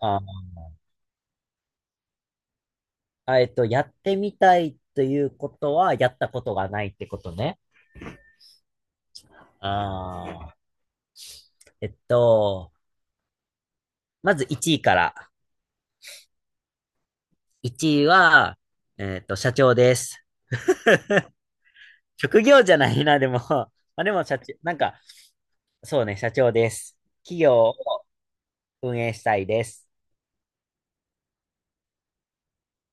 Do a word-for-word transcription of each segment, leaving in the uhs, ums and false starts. あーあ、えっと、やってみたいということは、やったことがないってことね。ああ、えっと、まずいちいから。いちいは、えっと、社長です。職業じゃないな、でも。まあ、でも、社長、なんか、そうね、社長です。企業を運営したいです。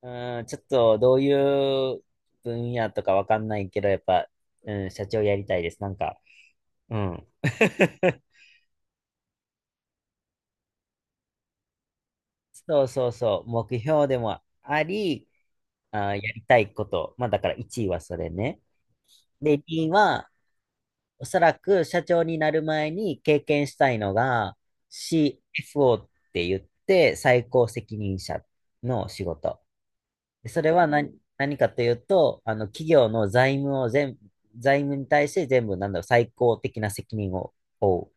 うーん、ちょっと、どういう分野とかわかんないけど、やっぱ、うん、社長やりたいです。なんか、うん。そうそうそう、目標でもあり、あー、やりたいこと。まあだからいちいはそれね。で、にいは、おそらく社長になる前に経験したいのが シーエフオー って言って最高責任者の仕事。でそれは何、何かというと、あの企業の財務を全、財務に対して全部なんだろう、最高的な責任を負う。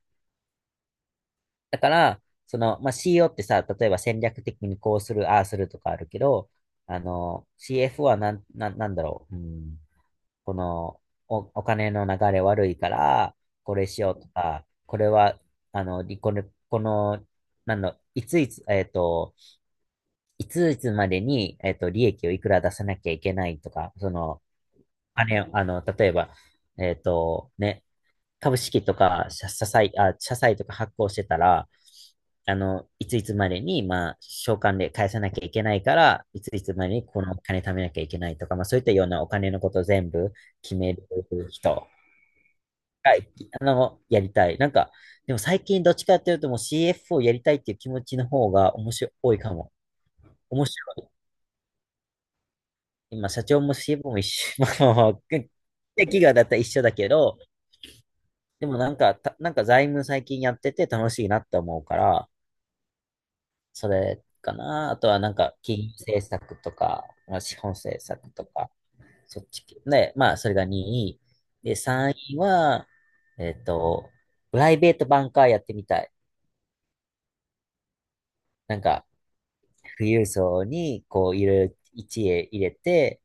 だから、その、まあ、シーイーオー ってさ、例えば戦略的にこうする、ああするとかあるけど、あの、シーエフオー はなん、なん、なんだろう、うんこのお、お金の流れ悪いから、これしようとか、これは、あの、りこれ、この、なんの、いついつ、えっと、いついつまでに、えっと、利益をいくら出さなきゃいけないとか、その、あれ、あの、例えば、えっと、ね、株式とか、社社債、あ、社債とか発行してたら、あの、いついつまでに、まあ、償還で返さなきゃいけないから、いついつまでにこのお金貯めなきゃいけないとか、まあ、そういったようなお金のことを全部決める人。はい、あの、やりたい。なんか、でも最近どっちかっていうともう シーエフ をやりたいっていう気持ちの方が面白い多いかも。面白い。今、社長も シーエフ も一緒。まあまあ、で企業だったら一緒だけど、でもなんか、たなんか財務最近やってて楽しいなって思うから、それかな。あとはなんか、金融政策とか、まあ、資本政策とか、そっち系。で、まあ、それがにい。で、さんいは、えっと、プライベートバンカーやってみたい。なんか、富裕層に、こう、いろいろ一へ入れて、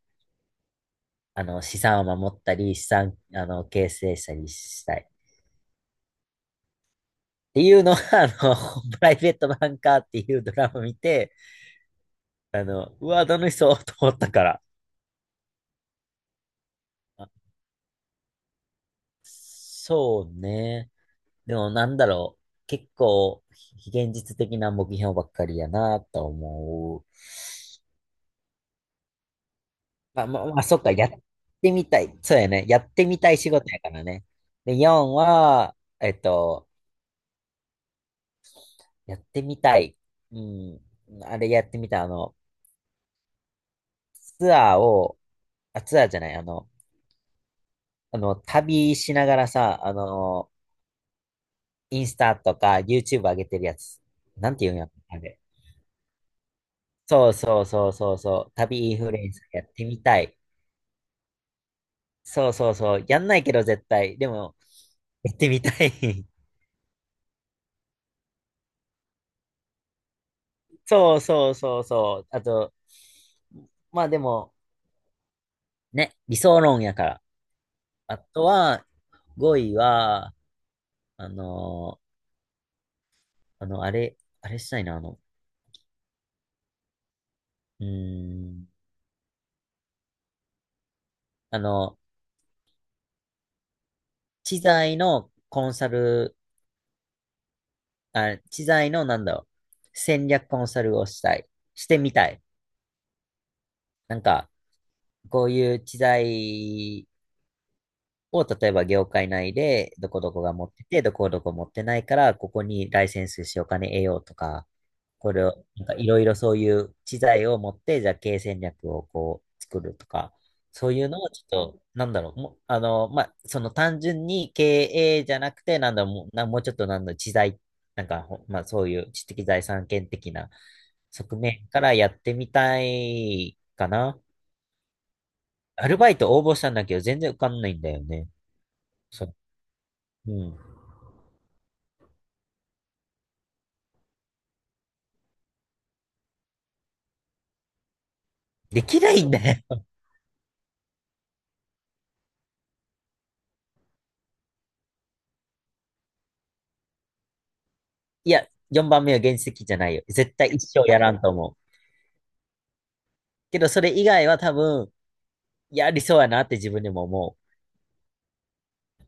あの、資産を守ったり、資産、あの、形成したりしたい。っていうのは、あの、プライベートバンカーっていうドラマを見て、あの、うわ、楽しそうと思ったから。あそうね。でも、なんだろう。結構、非現実的な目標ばっかりやなと思う。まあまあ、まあ、そっか、やってみたい。そうやね。やってみたい仕事やからね。で、よんは、えっと、やってみたい。うん。あれやってみたい。あの、ツアーを、あ、ツアーじゃない、あの、あの、旅しながらさ、あの、インスタとか YouTube 上げてるやつ。なんていうんやっあれ。そうそうそうそうそう。旅インフルエンサーやってみたい。そうそうそう。やんないけど絶対。でも、やってみたい。そうそうそうそう。あと、まあでも、ね、理想論やから。あとは、ごいは、あのーあの、あれ、あれしたいな、あの、うーん、あの、知財のコンサル、あ、知財のなんだろう、戦略コンサルをしたい。してみたい。なんか、こういう知財を、例えば業界内で、どこどこが持ってて、どこどこ持ってないから、ここにライセンスしてお金得ようとか、これを、なんかいろいろそういう知財を持って、じゃあ経営戦略をこう作るとか、そういうのをちょっと、なんだろう、もう、あの、まあ、その単純に経営じゃなくて、なんだろう、もう、なもうちょっとなんだろう、知財、なんか、ほまあ、そういう知的財産権的な側面からやってみたいかな。アルバイト応募したんだけど、全然受かんないんだよね。そう。うん。できないんだよ。いや、よんばんめは現実的じゃないよ。絶対一生やらんと思う。けど、それ以外は多分、やりそうやなって自分でも思う。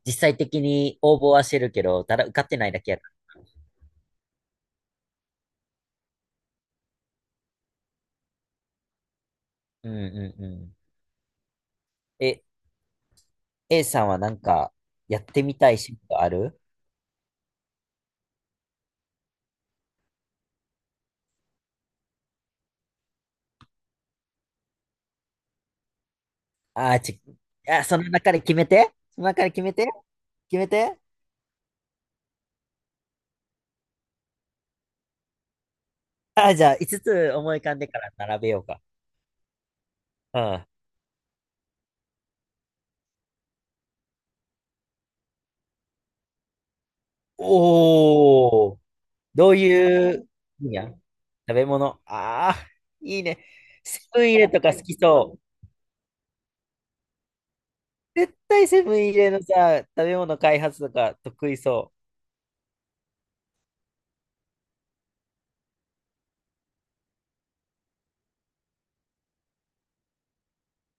実際的に応募はしてるけど、ただ受かってないだけやから。うんうんうん。え、A さんはなんか、やってみたい仕事あるあーち、あ、その中で決めて。その中で決めて。決めて。あー、じゃあ、いつつつ思い浮かんでから並べようか。うん。おー、どういう分野食べ物。ああ、いいね。セブンイレとか好きそう。絶対セブンイレのさ、食べ物開発とか得意そ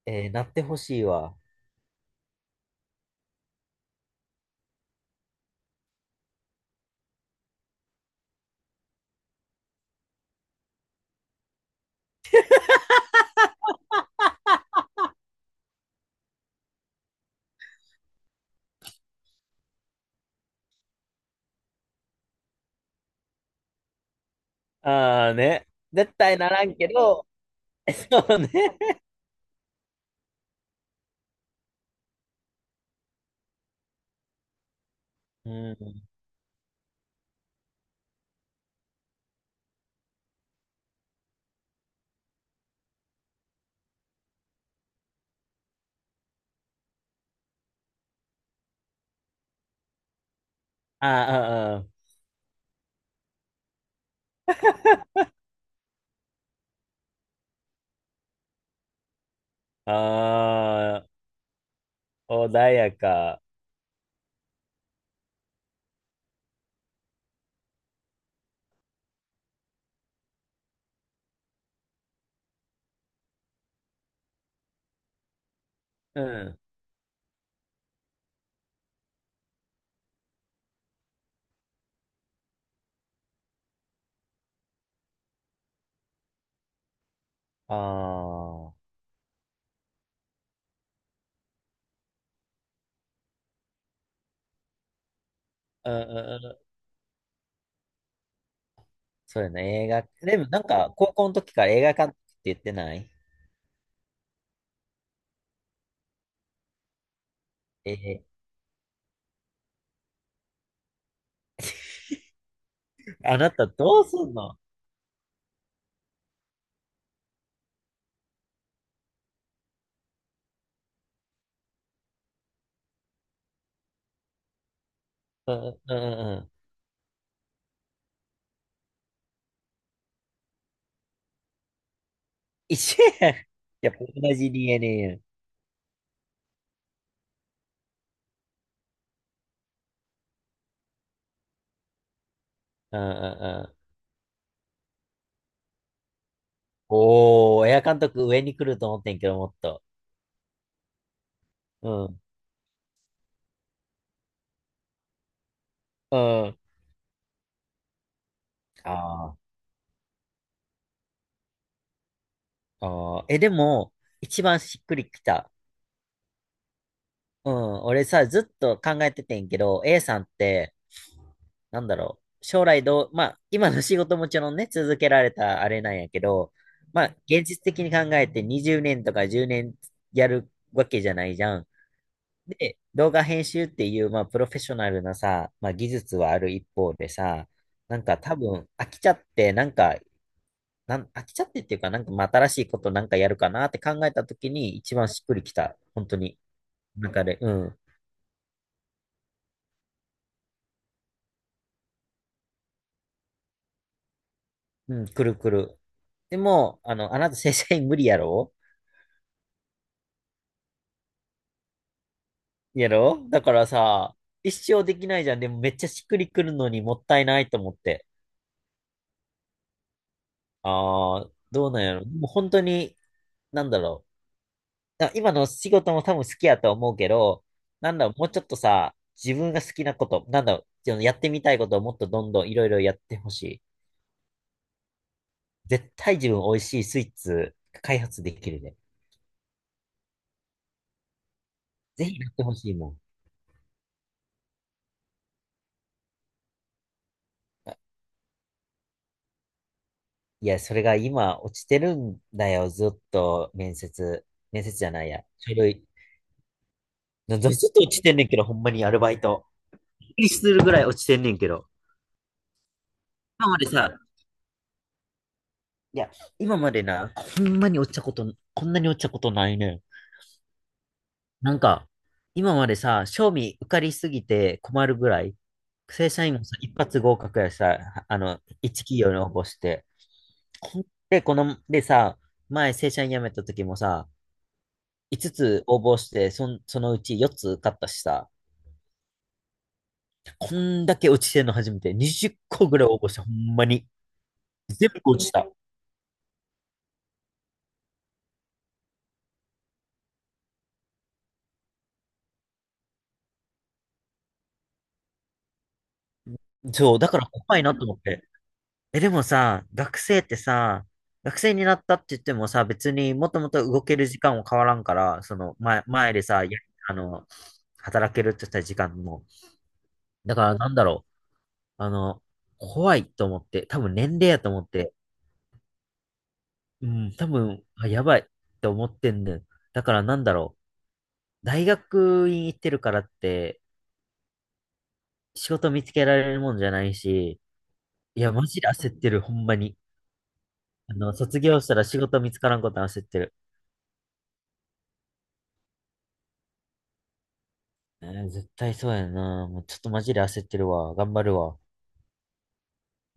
う。えー、なってほしいわ。ああね。絶対ならんけど、そうね。うん。ああ、ああ、ああ、穏やか。うん。ああ、うんうんうん。そうやね、映画。でもなんか、高校の時から映画館って言ってないえー あなたどうすんのうんうんうんうん。一緒やん。やっぱ同じ d エ a やん。うんうんうん。おー、エア監督上に来ると思ってんけど、もっと。うん。うん。あーあー。え、でも、一番しっくりきた。うん。俺さ、ずっと考えててんけど、A さんって、なんだろう。将来どう、まあ、今の仕事もちろんね、続けられたあれなんやけど、まあ、現実的に考えてにじゅうねんとかじゅうねんやるわけじゃないじゃん。で、動画編集っていう、まあ、プロフェッショナルなさ、まあ、技術はある一方でさ、なんか多分飽きちゃって、なんか、なん、飽きちゃってっていうか、なんかまあ新しいことなんかやるかなって考えた時に一番しっくりきた。本当に。なんかねうん。うん、くるくる。でも、あの、あなた正社員無理やろやろだからさ、一生できないじゃん。でもめっちゃしっくりくるのにもったいないと思って。ああ、どうなんやろ。もう本当に、なんだろう。あ今の仕事も多分好きやと思うけど、なんだろう、もうちょっとさ、自分が好きなこと、なんだろう、そのやってみたいことをもっとどんどんいろいろやってほしい。絶対自分美味しいスイーツ開発できるね。ぜひやってほしいもん。いや、それが今落ちてるんだよ、ずっと面接。面接じゃないや。書類。なずっと落ちてんねんけど、ほんまにアルバイト。びっくりするぐらい落ちてんねんけど。今までさ、いや、今までな、ほんまに落ちたこと、こんなに落ちたことないねん。なんか、今までさ、賞味受かりすぎて困るぐらい、正社員もさ、一発合格やしさ、あの、一企業に応募して。ほんで、この、でさ、前正社員辞めた時もさ、いつつつ応募して、そん、そのうちよっつ受かったしさ、こんだけ落ちてんの初めて、にじっこぐらい応募して、ほんまに。全部落ちた。そう、だから怖いなと思って。え、でもさ、学生ってさ、学生になったって言ってもさ、別にもともと動ける時間も変わらんから、その前、前でさ、やあの、働けるって言った時間も。だからなんだろう、あの、怖いと思って、多分年齢やと思って、うん、多分、あ、やばいって思ってんねん。だからなんだろう、大学院行ってるからって、仕事見つけられるもんじゃないし、いや、マジで焦ってる、ほんまに。あの、卒業したら仕事見つからんこと焦ってる。えー絶対そうやな。もうちょっとマジで焦ってるわ。頑張るわ。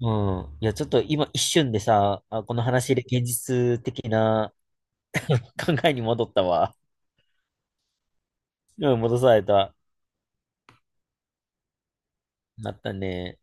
うん。いや、ちょっと今一瞬でさ、あ、この話で現実的な考えに戻ったわ。うん、戻された。なったね。